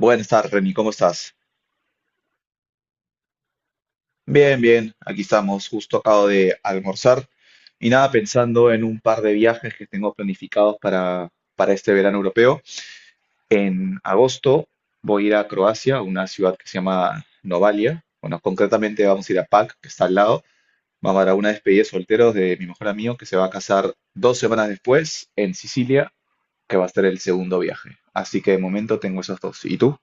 Buenas tardes, Reni, ¿cómo estás? Bien, bien, aquí estamos, justo acabo de almorzar y nada, pensando en un par de viajes que tengo planificados para este verano europeo. En agosto voy a ir a Croacia, a una ciudad que se llama Novalia. Bueno, concretamente vamos a ir a Pag, que está al lado. Vamos a dar una despedida de solteros de mi mejor amigo que se va a casar 2 semanas después en Sicilia, que va a ser el segundo viaje. Así que de momento tengo esos dos. ¿Y tú?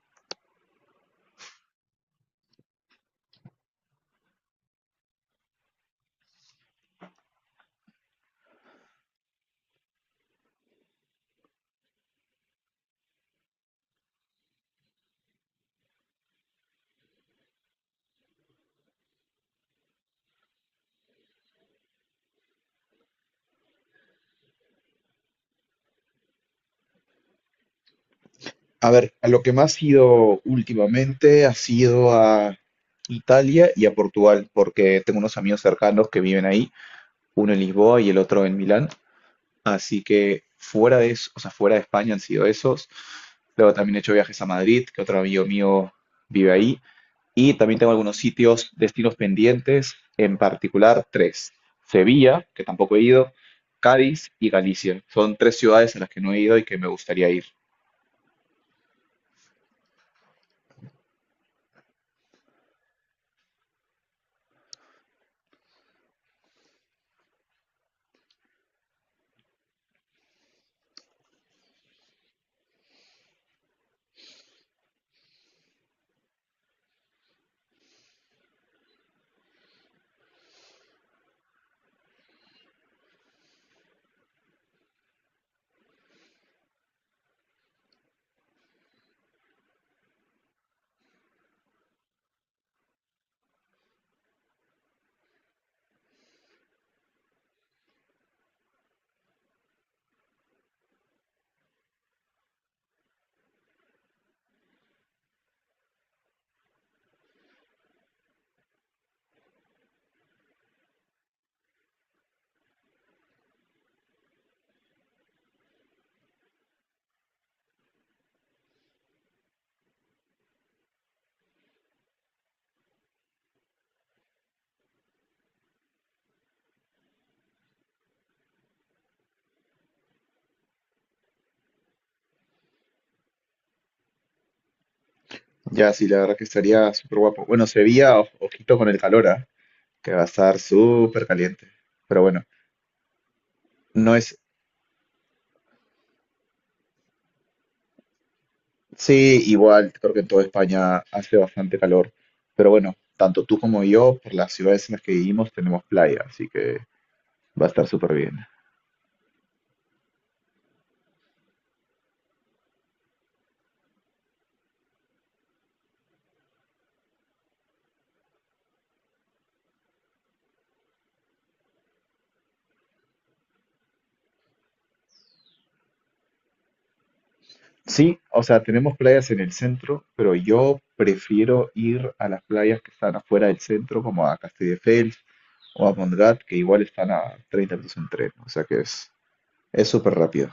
A ver, a lo que más he ido últimamente ha sido a Italia y a Portugal, porque tengo unos amigos cercanos que viven ahí, uno en Lisboa y el otro en Milán. Así que fuera de eso, o sea, fuera de España han sido esos. Luego también he hecho viajes a Madrid, que otro amigo mío vive ahí. Y también tengo algunos sitios, destinos pendientes, en particular tres. Sevilla, que tampoco he ido, Cádiz y Galicia. Son tres ciudades a las que no he ido y que me gustaría ir. Ya, sí, la verdad que estaría súper guapo. Bueno, Sevilla, ojito con el calor, ¿ah? Que va a estar súper caliente. Pero bueno, no es. Sí, igual, creo que en toda España hace bastante calor. Pero bueno, tanto tú como yo, por las ciudades en las que vivimos, tenemos playa, así que va a estar súper bien. Sí, o sea, tenemos playas en el centro, pero yo prefiero ir a las playas que están afuera del centro, como a Castelldefels o a Montgat, que igual están a 30 minutos en tren. O sea que es súper rápido.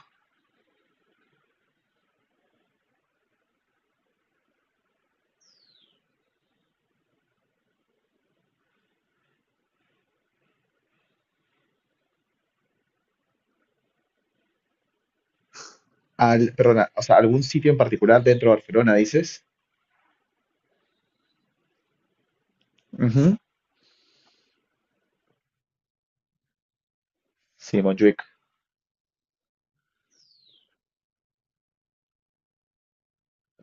Perdona, o sea, algún sitio en particular dentro de Barcelona, dices. Ujú. Sí, Montjuic.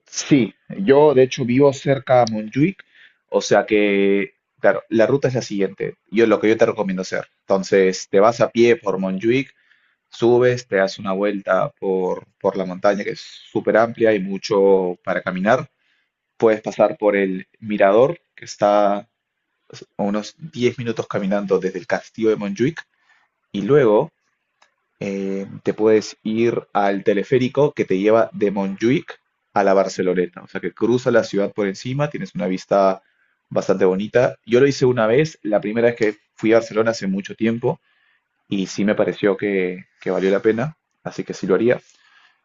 Sí, yo de hecho vivo cerca a Montjuic, o sea que, claro, la ruta es la siguiente. Yo Lo que yo te recomiendo hacer. Entonces, te vas a pie por Montjuic, subes, te das una vuelta por la montaña que es súper amplia y mucho para caminar. Puedes pasar por el mirador que está a unos 10 minutos caminando desde el castillo de Montjuic y luego te puedes ir al teleférico que te lleva de Montjuic a la Barceloneta, o sea que cruza la ciudad por encima, tienes una vista bastante bonita. Yo lo hice una vez, la primera vez que fui a Barcelona hace mucho tiempo y sí me pareció que valió la pena, así que sí lo haría.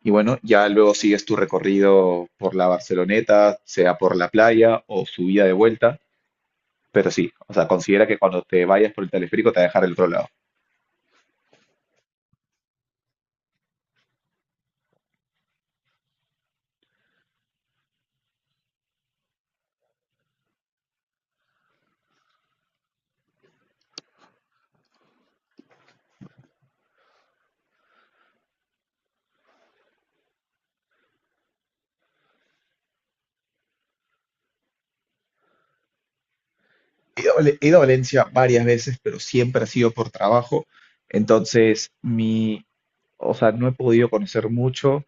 Y bueno, ya luego sigues tu recorrido por la Barceloneta, sea por la playa o subida de vuelta, pero sí, o sea, considera que cuando te vayas por el teleférico te va a dejar el otro lado. He ido, a he ido a Valencia varias veces, pero siempre ha sido por trabajo. Entonces, o sea, no he podido conocer mucho.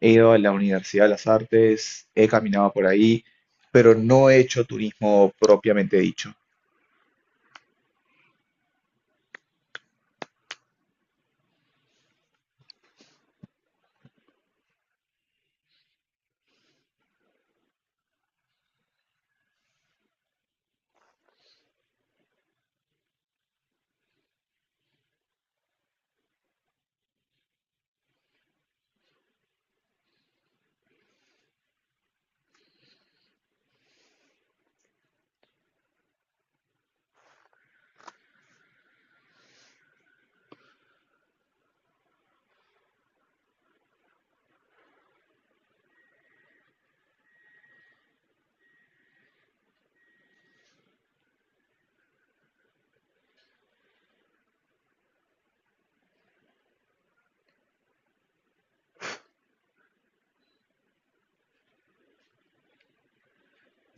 He ido a la Universidad de las Artes, he caminado por ahí, pero no he hecho turismo propiamente dicho.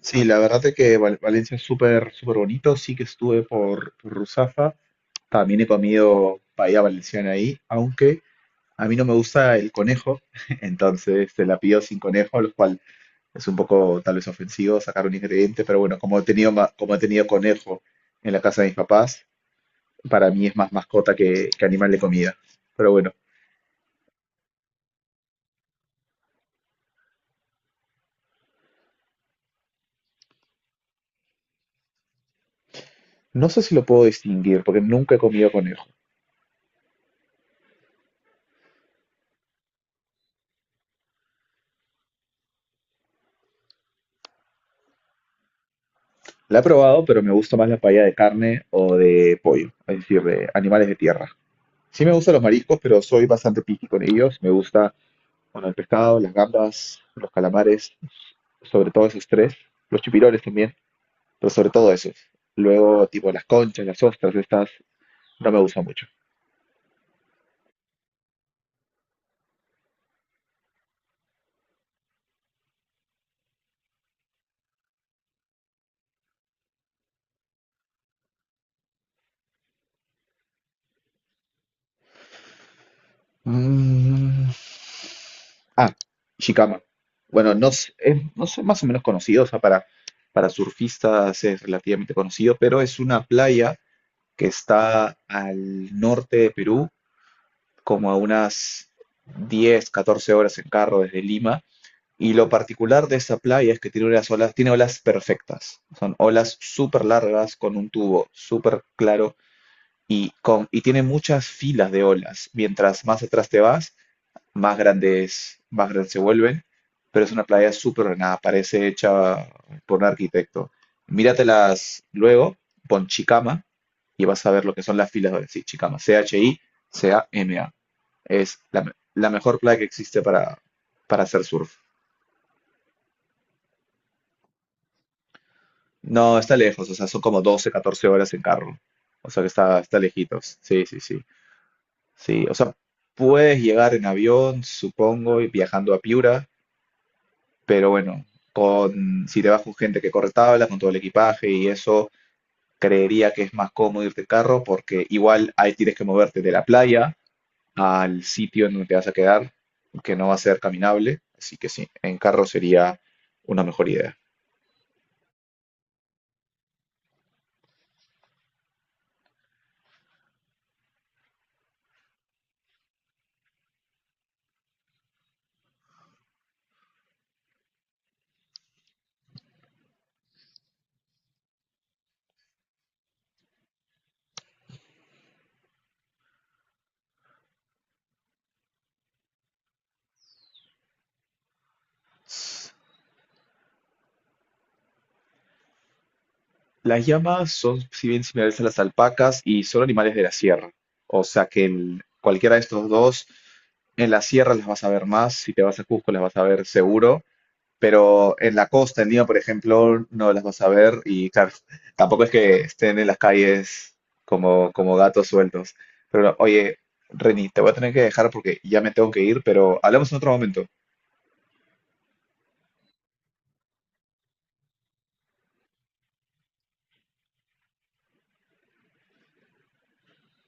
Sí, la verdad es que Valencia es súper, súper bonito. Sí que estuve por Ruzafa. También he comido paella valenciana ahí, aunque a mí no me gusta el conejo, entonces se la pido sin conejo, lo cual es un poco tal vez ofensivo sacar un ingrediente, pero bueno, como he tenido, como he tenido conejo en la casa de mis papás, para mí es más mascota que animal de comida. Pero bueno, no sé si lo puedo distinguir porque nunca he comido conejo. La he probado, pero me gusta más la paella de carne o de pollo, es decir, de animales de tierra. Sí me gustan los mariscos, pero soy bastante picky con ellos. Me gusta, bueno, el pescado, las gambas, los calamares, sobre todo esos tres, los chupirones también, pero sobre todo esos. Luego, tipo, las conchas, las ostras, estas, no me gusta mucho. Mm, Ah, Shikama. Bueno, no, no son más o menos conocidos, o sea, para surfistas es relativamente conocido, pero es una playa que está al norte de Perú, como a unas 10 14 horas en carro desde Lima. Y lo particular de esta playa es que tiene olas perfectas. Son olas súper largas, con un tubo súper claro y tiene muchas filas de olas. Mientras más atrás te vas, más grande es, más grande se vuelve, pero es una playa súper ordenada, parece hecha por un arquitecto. Míratelas luego, pon Chicama y vas a ver lo que son las filas de sí, Chicama, Chicama. Es la mejor playa que existe para, hacer surf. No, está lejos, o sea, son como 12 14 horas en carro. O sea que está lejitos. Sí, sí, sí. Sí, o sea, puedes llegar en avión, supongo, y viajando a Piura. Pero bueno, si te vas con gente que corre tablas, con todo el equipaje y eso, creería que es más cómodo irte en carro porque igual ahí tienes que moverte de la playa al sitio en donde te vas a quedar, que no va a ser caminable. Así que sí, en carro sería una mejor idea. Las llamas son, si bien similares a las alpacas, y son animales de la sierra. O sea que cualquiera de estos dos, en la sierra las vas a ver más, si te vas a Cusco las vas a ver seguro. Pero en la costa, en Lima, por ejemplo, no las vas a ver y claro, tampoco es que estén en las calles como gatos sueltos. Pero oye, Reni, te voy a tener que dejar porque ya me tengo que ir, pero hablamos en otro momento.